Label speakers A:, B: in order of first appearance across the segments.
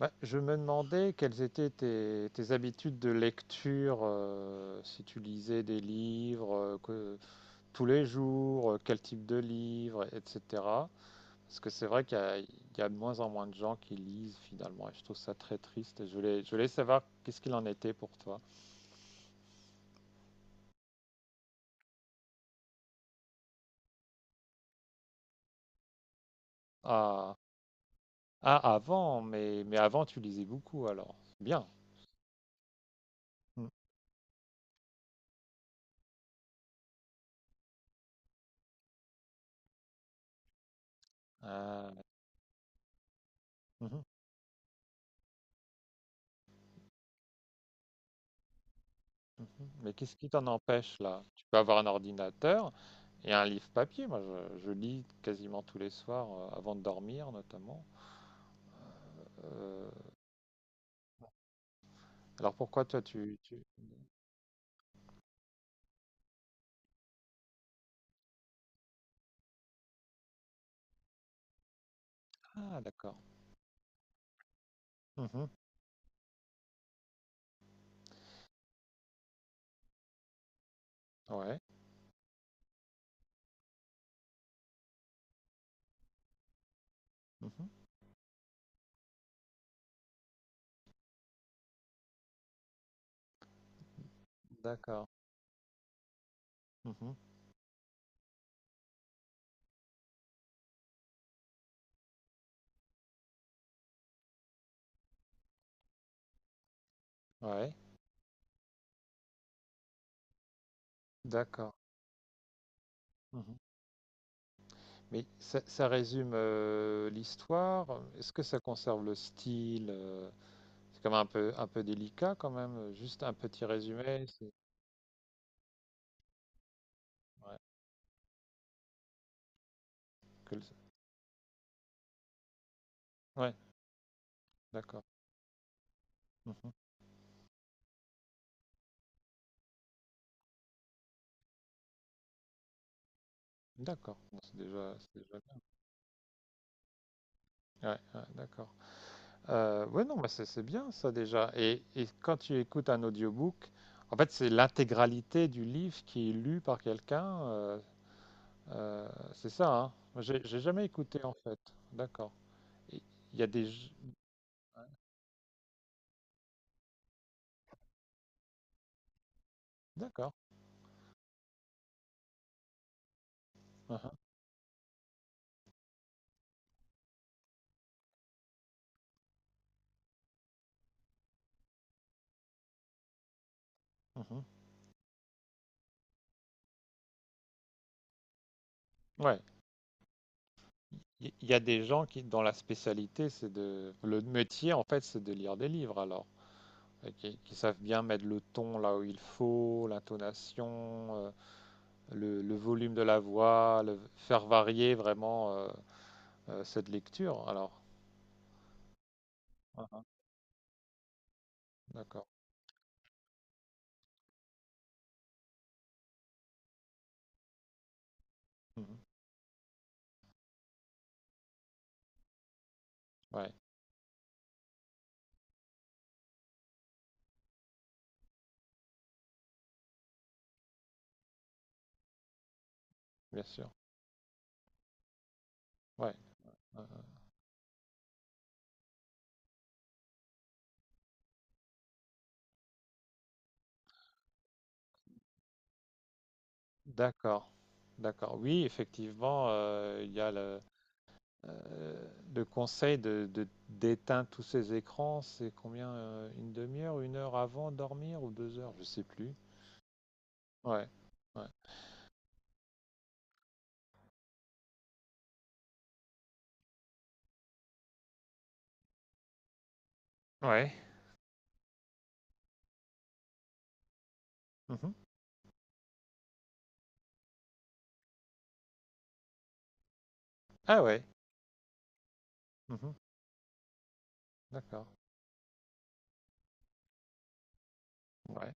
A: Bah, je me demandais quelles étaient tes habitudes de lecture, si tu lisais des livres tous les jours, quel type de livre, etc. Parce que c'est vrai qu'il y a de moins en moins de gens qui lisent finalement, et je trouve ça très triste. Et je voulais savoir qu'est-ce qu'il en était pour toi. Ah, ah, avant, mais avant tu lisais beaucoup alors. Bien. Mm. Ah, mhm. Mhm. Mais qu'est-ce qui t'en empêche là? Tu peux avoir un ordinateur et un livre papier. Moi, je lis quasiment tous les soirs avant de dormir, notamment. Euh, alors pourquoi toi. Ah, d'accord. Mhm. Ouais. Mhm. D'accord. Mhm. Ouais. D'accord. Mhm. Mais ça résume l'histoire. Est-ce que ça conserve le style? C'est quand même un peu, délicat quand même. Juste un petit résumé. Ouais. Que le- Ouais. D'accord. Mhm. D'accord, bon, c'est déjà bien. Ouais, ouais, d'accord. Ouais, non, mais c'est bien ça déjà. Et quand tu écoutes un audiobook, en fait, c'est l'intégralité du livre qui est lu par quelqu'un. Euh, c'est ça, hein. Moi, j'ai jamais écouté en fait. D'accord. Et Il y a des. G- D'accord. Uhum, uhum. Ouais. Il y a des gens qui, dont la spécialité, c'est de. Le métier, en fait, c'est de lire des livres alors. Et qui savent bien mettre le ton là où il faut, l'intonation, le volume de la voix, faire varier vraiment cette lecture. Alors, ah, ah, d'accord. Mhm. Ouais, bien sûr. Ouais. Euh, d'accord. D'accord. Oui, effectivement, il y a euh, le conseil d'éteindre tous ces écrans. C'est combien? Une demi-heure, 1 heure avant de dormir ou 2 heures? Je sais plus. Ouais. Ouais. Ouais. Mhm. Ah ouais. Mhm. D'accord. Ouais.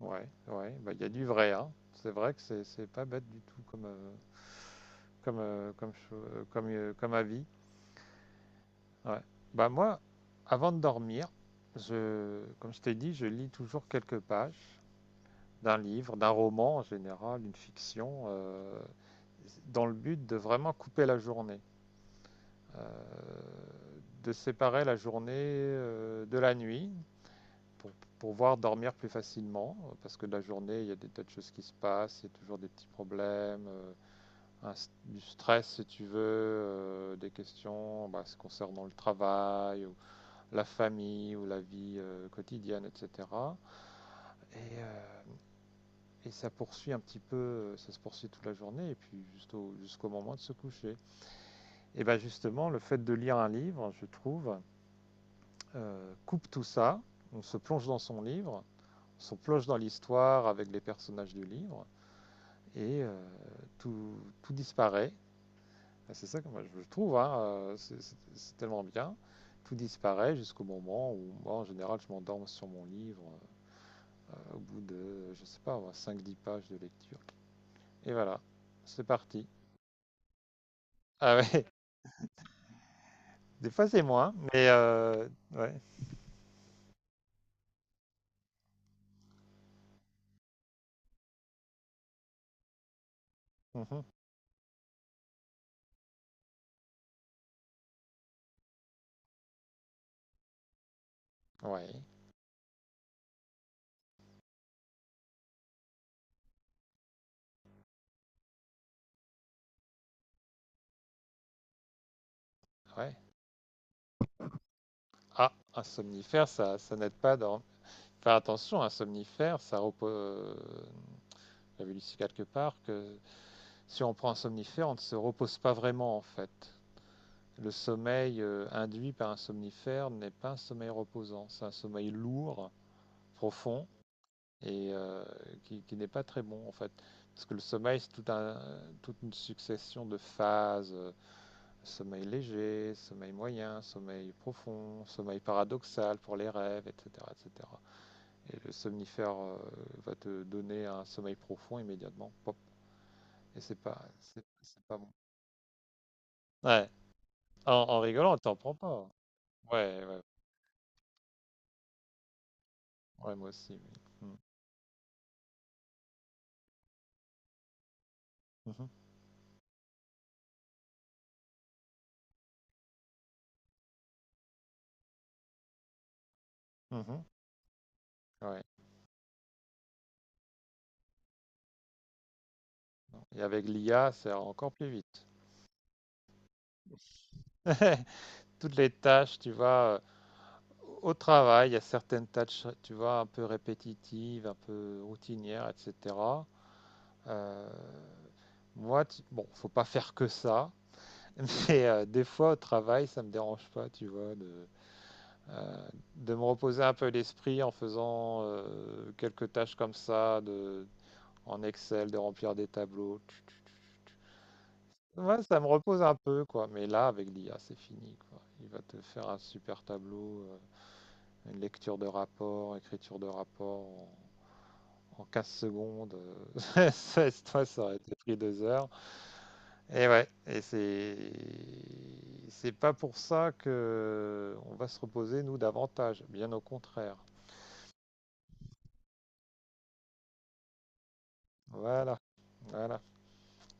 A: Ouais, ouais, bah il y a du vrai, hein. C'est vrai que c'est pas bête du tout comme comme avis. Ouais. Bah moi, avant de dormir, je, comme je t'ai dit, je lis toujours quelques pages d'un livre, d'un roman en général, une fiction, dans le but de vraiment couper la journée, euh, de séparer la journée de la nuit, pour pouvoir dormir plus facilement, parce que la journée, il y a des tas de choses qui se passent, il y a toujours des petits problèmes, un du stress si tu veux, des questions bah, se concernant le travail, ou la famille, ou la vie quotidienne, etc. Et, euh, et ça poursuit un petit peu, ça se poursuit toute la journée, et puis jusqu'au moment de se coucher. Et bien justement, le fait de lire un livre, je trouve, coupe tout ça, on se plonge dans son livre, se plonge dans l'histoire avec les personnages du livre et tout, tout, disparaît. Ah, c'est ça que moi je trouve, hein, c'est tellement bien. Tout disparaît jusqu'au moment où moi en général je m'endorme sur mon livre au bout de, je sais pas, 5-10 pages de lecture. Et voilà, c'est parti. Ah ouais, des fois c'est moins, mais ouais. Mmh. Ouais, ouais. Ah, un somnifère, ça n'aide pas dans. Faire attention, un somnifère, ça repose. J'avais lu quelque part que si on prend un somnifère, on ne se repose pas vraiment en fait. Le sommeil induit par un somnifère n'est pas un sommeil reposant, c'est un sommeil lourd, profond et qui n'est pas très bon en fait. Parce que le sommeil, c'est tout un, toute une succession de phases. Sommeil léger, sommeil moyen, sommeil profond, sommeil paradoxal pour les rêves, etc. etc. Et cetera. Et le somnifère va te donner un sommeil profond immédiatement. Et c'est pas bon. Ouais. En rigolant, t'en prends pas. Ouais, ouais, ouais, moi aussi. Oui. Mm. Mhm. Mhm. Ouais. Et avec l'IA, c'est encore plus vite. Toutes les tâches, tu vois, au travail, il y a certaines tâches, tu vois, un peu répétitives, un peu routinières, etc. Euh, moi, bon, faut pas faire que ça, mais des fois au travail, ça me dérange pas, tu vois, euh, de me reposer un peu l'esprit en faisant quelques tâches comme ça, en Excel, de remplir des tableaux. Tch, tch, tch, tch. Ouais, ça me repose un peu, quoi. Mais là, avec l'IA, c'est fini, quoi. Il va te faire un super tableau, une lecture de rapport, écriture de rapport en 15 secondes. Ça aurait été pris 2 heures. Et ouais, et c'est pas pour ça que on va se reposer, nous, davantage. Bien au contraire. Voilà, voilà.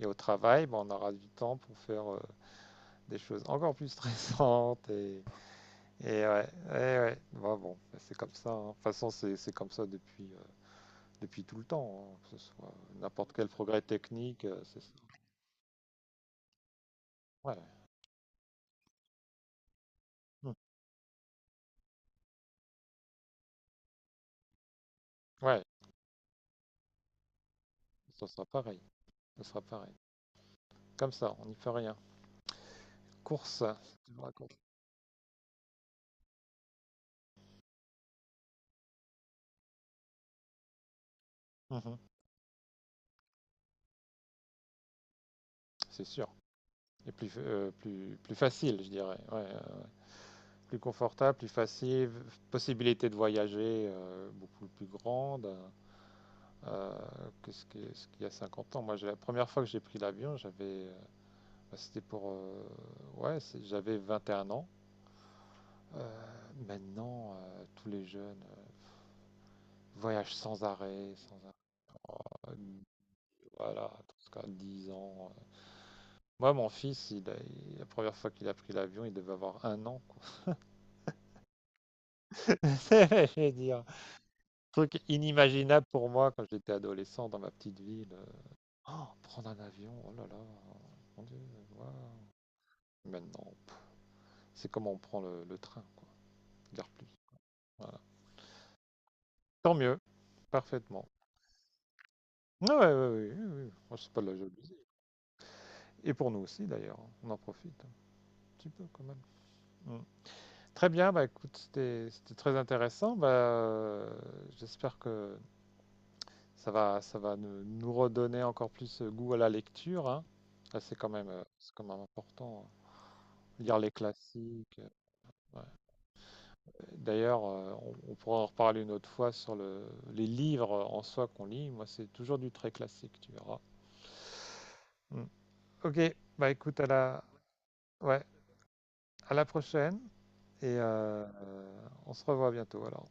A: Et au travail, bah, on aura du temps pour faire des choses encore plus stressantes. Et ouais, et ouais. Bah, bon, ben, c'est comme ça. Hein. De toute façon, c'est comme ça depuis tout le temps. Hein. Que ce soit n'importe quel progrès technique, c'est ça. Ouais. Hmm. Ouais, ça sera pareil. Ça sera pareil. Comme ça, on n'y peut rien. Course, c'est toujours la course. Mhm. C'est sûr. Et plus facile, je dirais. Ouais, plus confortable, plus facile, possibilité de voyager beaucoup plus grande euh, que ce qu'il y a 50 ans. Moi, la première fois que j'ai pris l'avion, j'avais, bah, c'était pour, ouais, j'avais 21 ans. Maintenant, tous les jeunes voyagent sans arrêt, sans arrêt. Oh, voilà, jusqu'à 10 ans. Moi, mon fils, la première fois qu'il a pris l'avion, il devait avoir 1 an, quoi. Je veux dire, truc inimaginable pour moi quand j'étais adolescent dans ma petite ville. Oh, prendre un avion, oh là là, mon Dieu, waouh. Maintenant, pff, c'est comme on prend le train, quoi. Gare plus. Voilà. Tant mieux, parfaitement. Ouais, ouais, ouais, oui, oui, oh, c'est pas de la jalousie. Et pour nous aussi d'ailleurs, hein, on en profite un petit peu quand même. Mm. Très bien, bah écoute, c'était très intéressant. Bah, j'espère que ça va nous redonner encore plus goût à la lecture, hein. Là, c'est quand même important. Hein. Lire les classiques. Ouais. D'ailleurs, on pourra en reparler une autre fois sur les livres en soi qu'on lit. Moi, c'est toujours du très classique, tu verras. Mm. Ok, bah écoute, à la, ouais, à la prochaine et on se revoit bientôt alors.